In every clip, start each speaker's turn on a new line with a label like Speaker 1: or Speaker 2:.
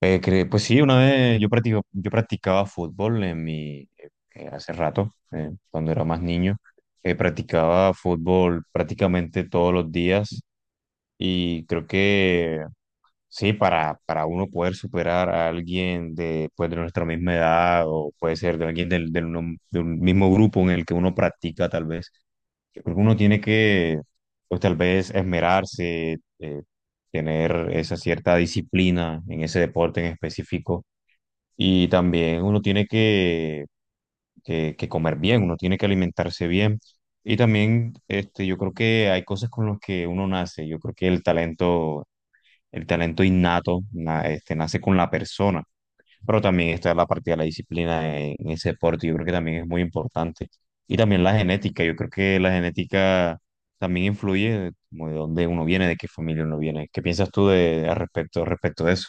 Speaker 1: Pues sí, una vez yo practico, yo practicaba fútbol en mi, hace rato, cuando era más niño. Practicaba fútbol prácticamente todos los días y creo que sí, para uno poder superar a alguien de, pues, de nuestra misma edad o puede ser de alguien del uno- de un mismo grupo en el que uno practica tal vez, yo creo que uno tiene que, pues tal vez esmerarse, tener esa cierta disciplina en ese deporte en específico y también uno tiene que, que comer bien, uno tiene que alimentarse bien. Y también este, yo creo que hay cosas con las que uno nace. Yo creo que el talento innato, este, nace con la persona. Pero también está la parte de la disciplina en ese deporte. Yo creo que también es muy importante. Y también la genética. Yo creo que la genética también influye como de dónde uno viene, de qué familia uno viene. ¿Qué piensas tú de, al respecto, respecto de eso?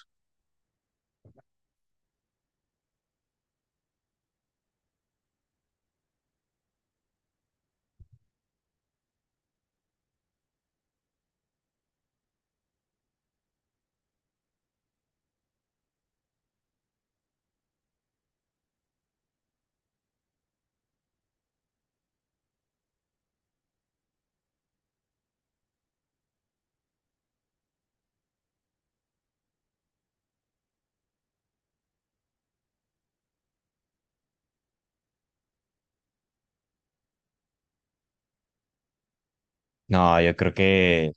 Speaker 1: No, yo creo que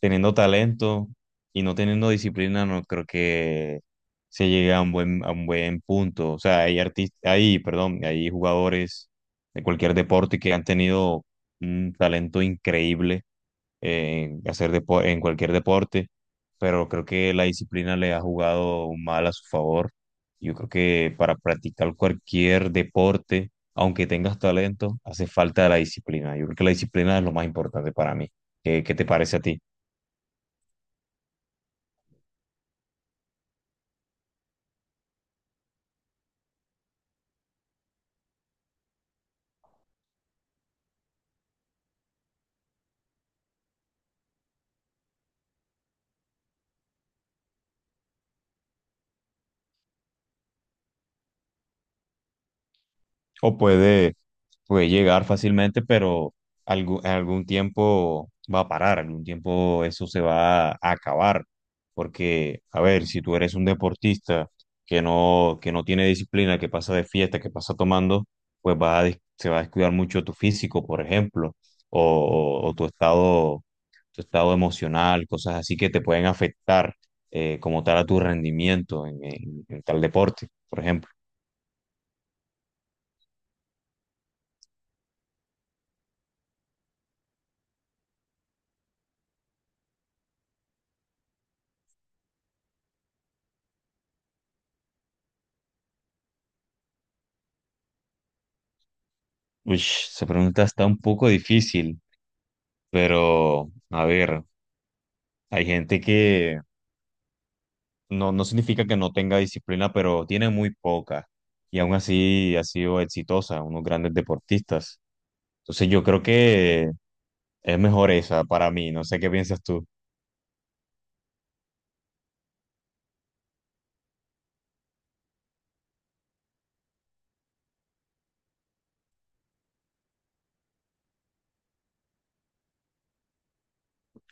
Speaker 1: teniendo talento y no teniendo disciplina, no creo que se llegue a un buen punto. O sea, hay artistas, hay, perdón, hay jugadores de cualquier deporte que han tenido un talento increíble en en cualquier deporte, pero creo que la disciplina le ha jugado mal a su favor. Yo creo que para practicar cualquier deporte aunque tengas talento, hace falta la disciplina. Yo creo que la disciplina es lo más importante para mí. ¿Qué te parece a ti? O puede, puede llegar fácilmente, pero algu- en algún tiempo va a parar, algún tiempo eso se va a acabar. Porque, a ver, si tú eres un deportista que no tiene disciplina, que pasa de fiesta, que pasa tomando, pues vas a des- se va a descuidar mucho tu físico, por ejemplo, o tu estado emocional, cosas así que te pueden afectar como tal a tu rendimiento en en tal deporte, por ejemplo. Uy, esa pregunta está un poco difícil, pero a ver, hay gente que no, no significa que no tenga disciplina, pero tiene muy poca y aún así ha sido exitosa, unos grandes deportistas. Entonces yo creo que es mejor esa para mí, no sé qué piensas tú.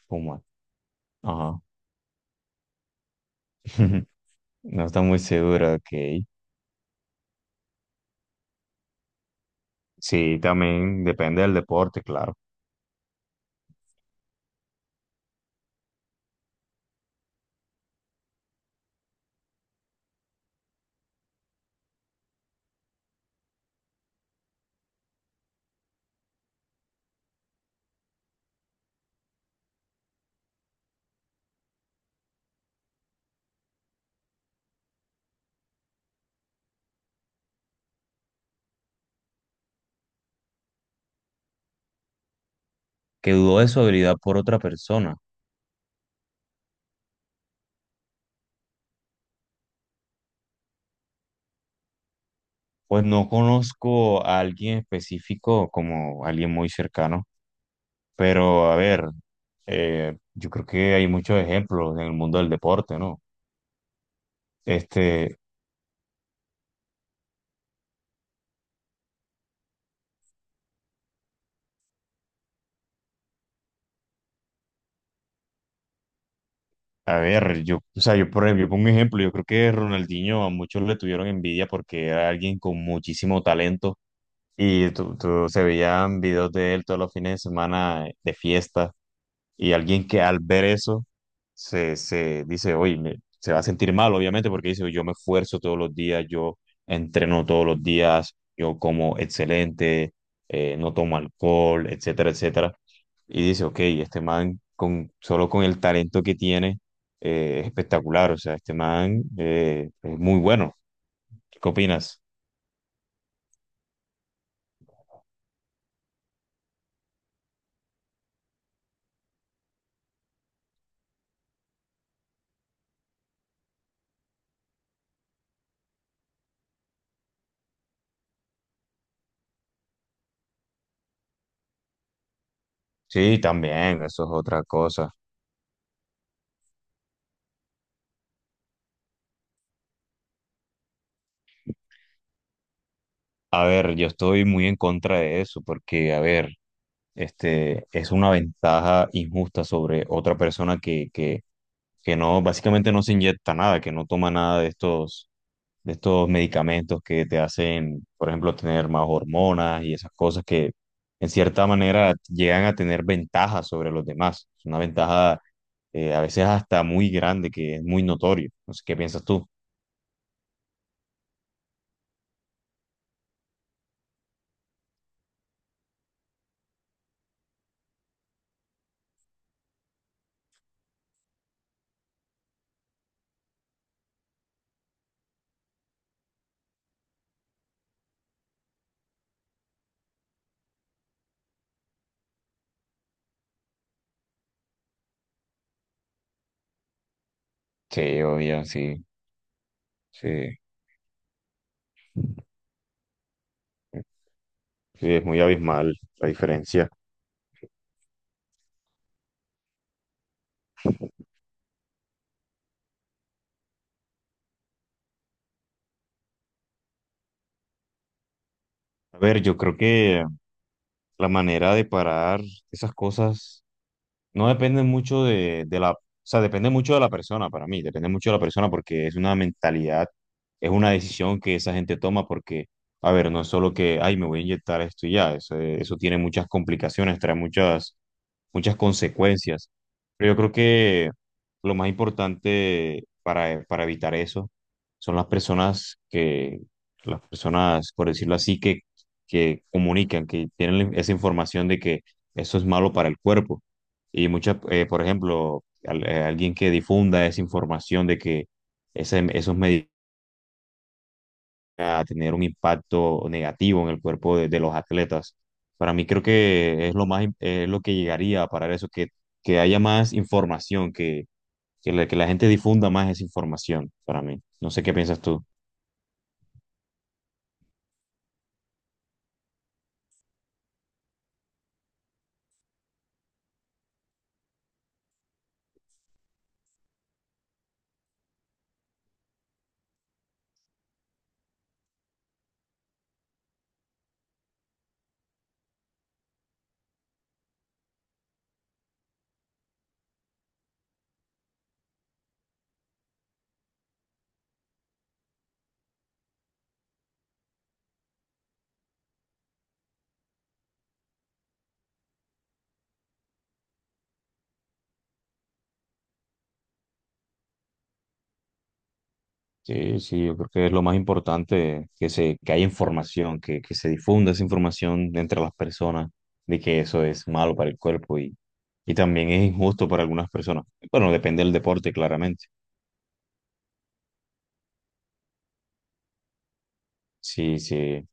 Speaker 1: Puma. Ajá. No está muy segura, ok. Sí, también depende del deporte, claro. Que dudó de su habilidad por otra persona. Pues no conozco a alguien específico como alguien muy cercano, pero a ver, yo creo que hay muchos ejemplos en el mundo del deporte, ¿no? Este, a ver, yo, o sea, yo por ejemplo, yo pongo un ejemplo, yo creo que Ronaldinho a muchos le tuvieron envidia porque era alguien con muchísimo talento y se veían videos de él todos los fines de semana de fiesta. Y alguien que al ver eso se dice, oye, se va a sentir mal, obviamente, porque dice, yo me esfuerzo todos los días, yo entreno todos los días, yo como excelente, no tomo alcohol, etcétera, etcétera. Y dice, ok, este man, con, solo con el talento que tiene, es espectacular, o sea, este man es muy bueno. ¿Qué opinas? Sí, también, eso es otra cosa. A ver, yo estoy muy en contra de eso, porque, a ver, este, es una ventaja injusta sobre otra persona que no, básicamente no se inyecta nada, que no toma nada de estos, de estos medicamentos que te hacen, por ejemplo, tener más hormonas y esas cosas que en cierta manera llegan a tener ventajas sobre los demás. Es una ventaja a veces hasta muy grande, que es muy notorio. No sé, ¿qué piensas tú? Sí, obvio, sí, sí. Sí, es muy abismal la diferencia. A ver, yo creo que la manera de parar esas cosas no depende mucho de la, o sea, depende mucho de la persona para mí, depende mucho de la persona porque es una mentalidad, es una decisión que esa gente toma porque, a ver, no es solo que, ay, me voy a inyectar esto y ya, eso tiene muchas complicaciones, trae muchas consecuencias. Pero yo creo que lo más importante para evitar eso son las personas que, las personas, por decirlo así, que comunican, que tienen esa información de que eso es malo para el cuerpo. Y muchas, por ejemplo, alguien que difunda esa información de que esos medicamentos a tener un impacto negativo en el cuerpo de los atletas. Para mí creo que es lo más, lo que llegaría a parar eso, que haya más información, que la gente difunda más esa información, para mí. No sé qué piensas tú. Sí, sí, yo creo que es lo más importante, que se, que haya información, que se difunda esa información entre las personas de que eso es malo para el cuerpo y también es injusto para algunas personas. Bueno, depende del deporte, claramente. Sí, sí.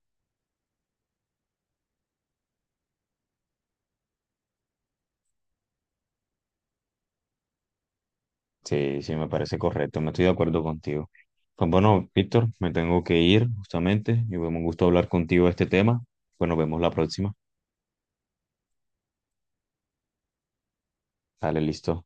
Speaker 1: Sí, sí, me parece correcto, me estoy de acuerdo contigo. Pues bueno, Víctor, me tengo que ir justamente y fue un gusto hablar contigo de este tema. Pues nos vemos la próxima. Dale, listo.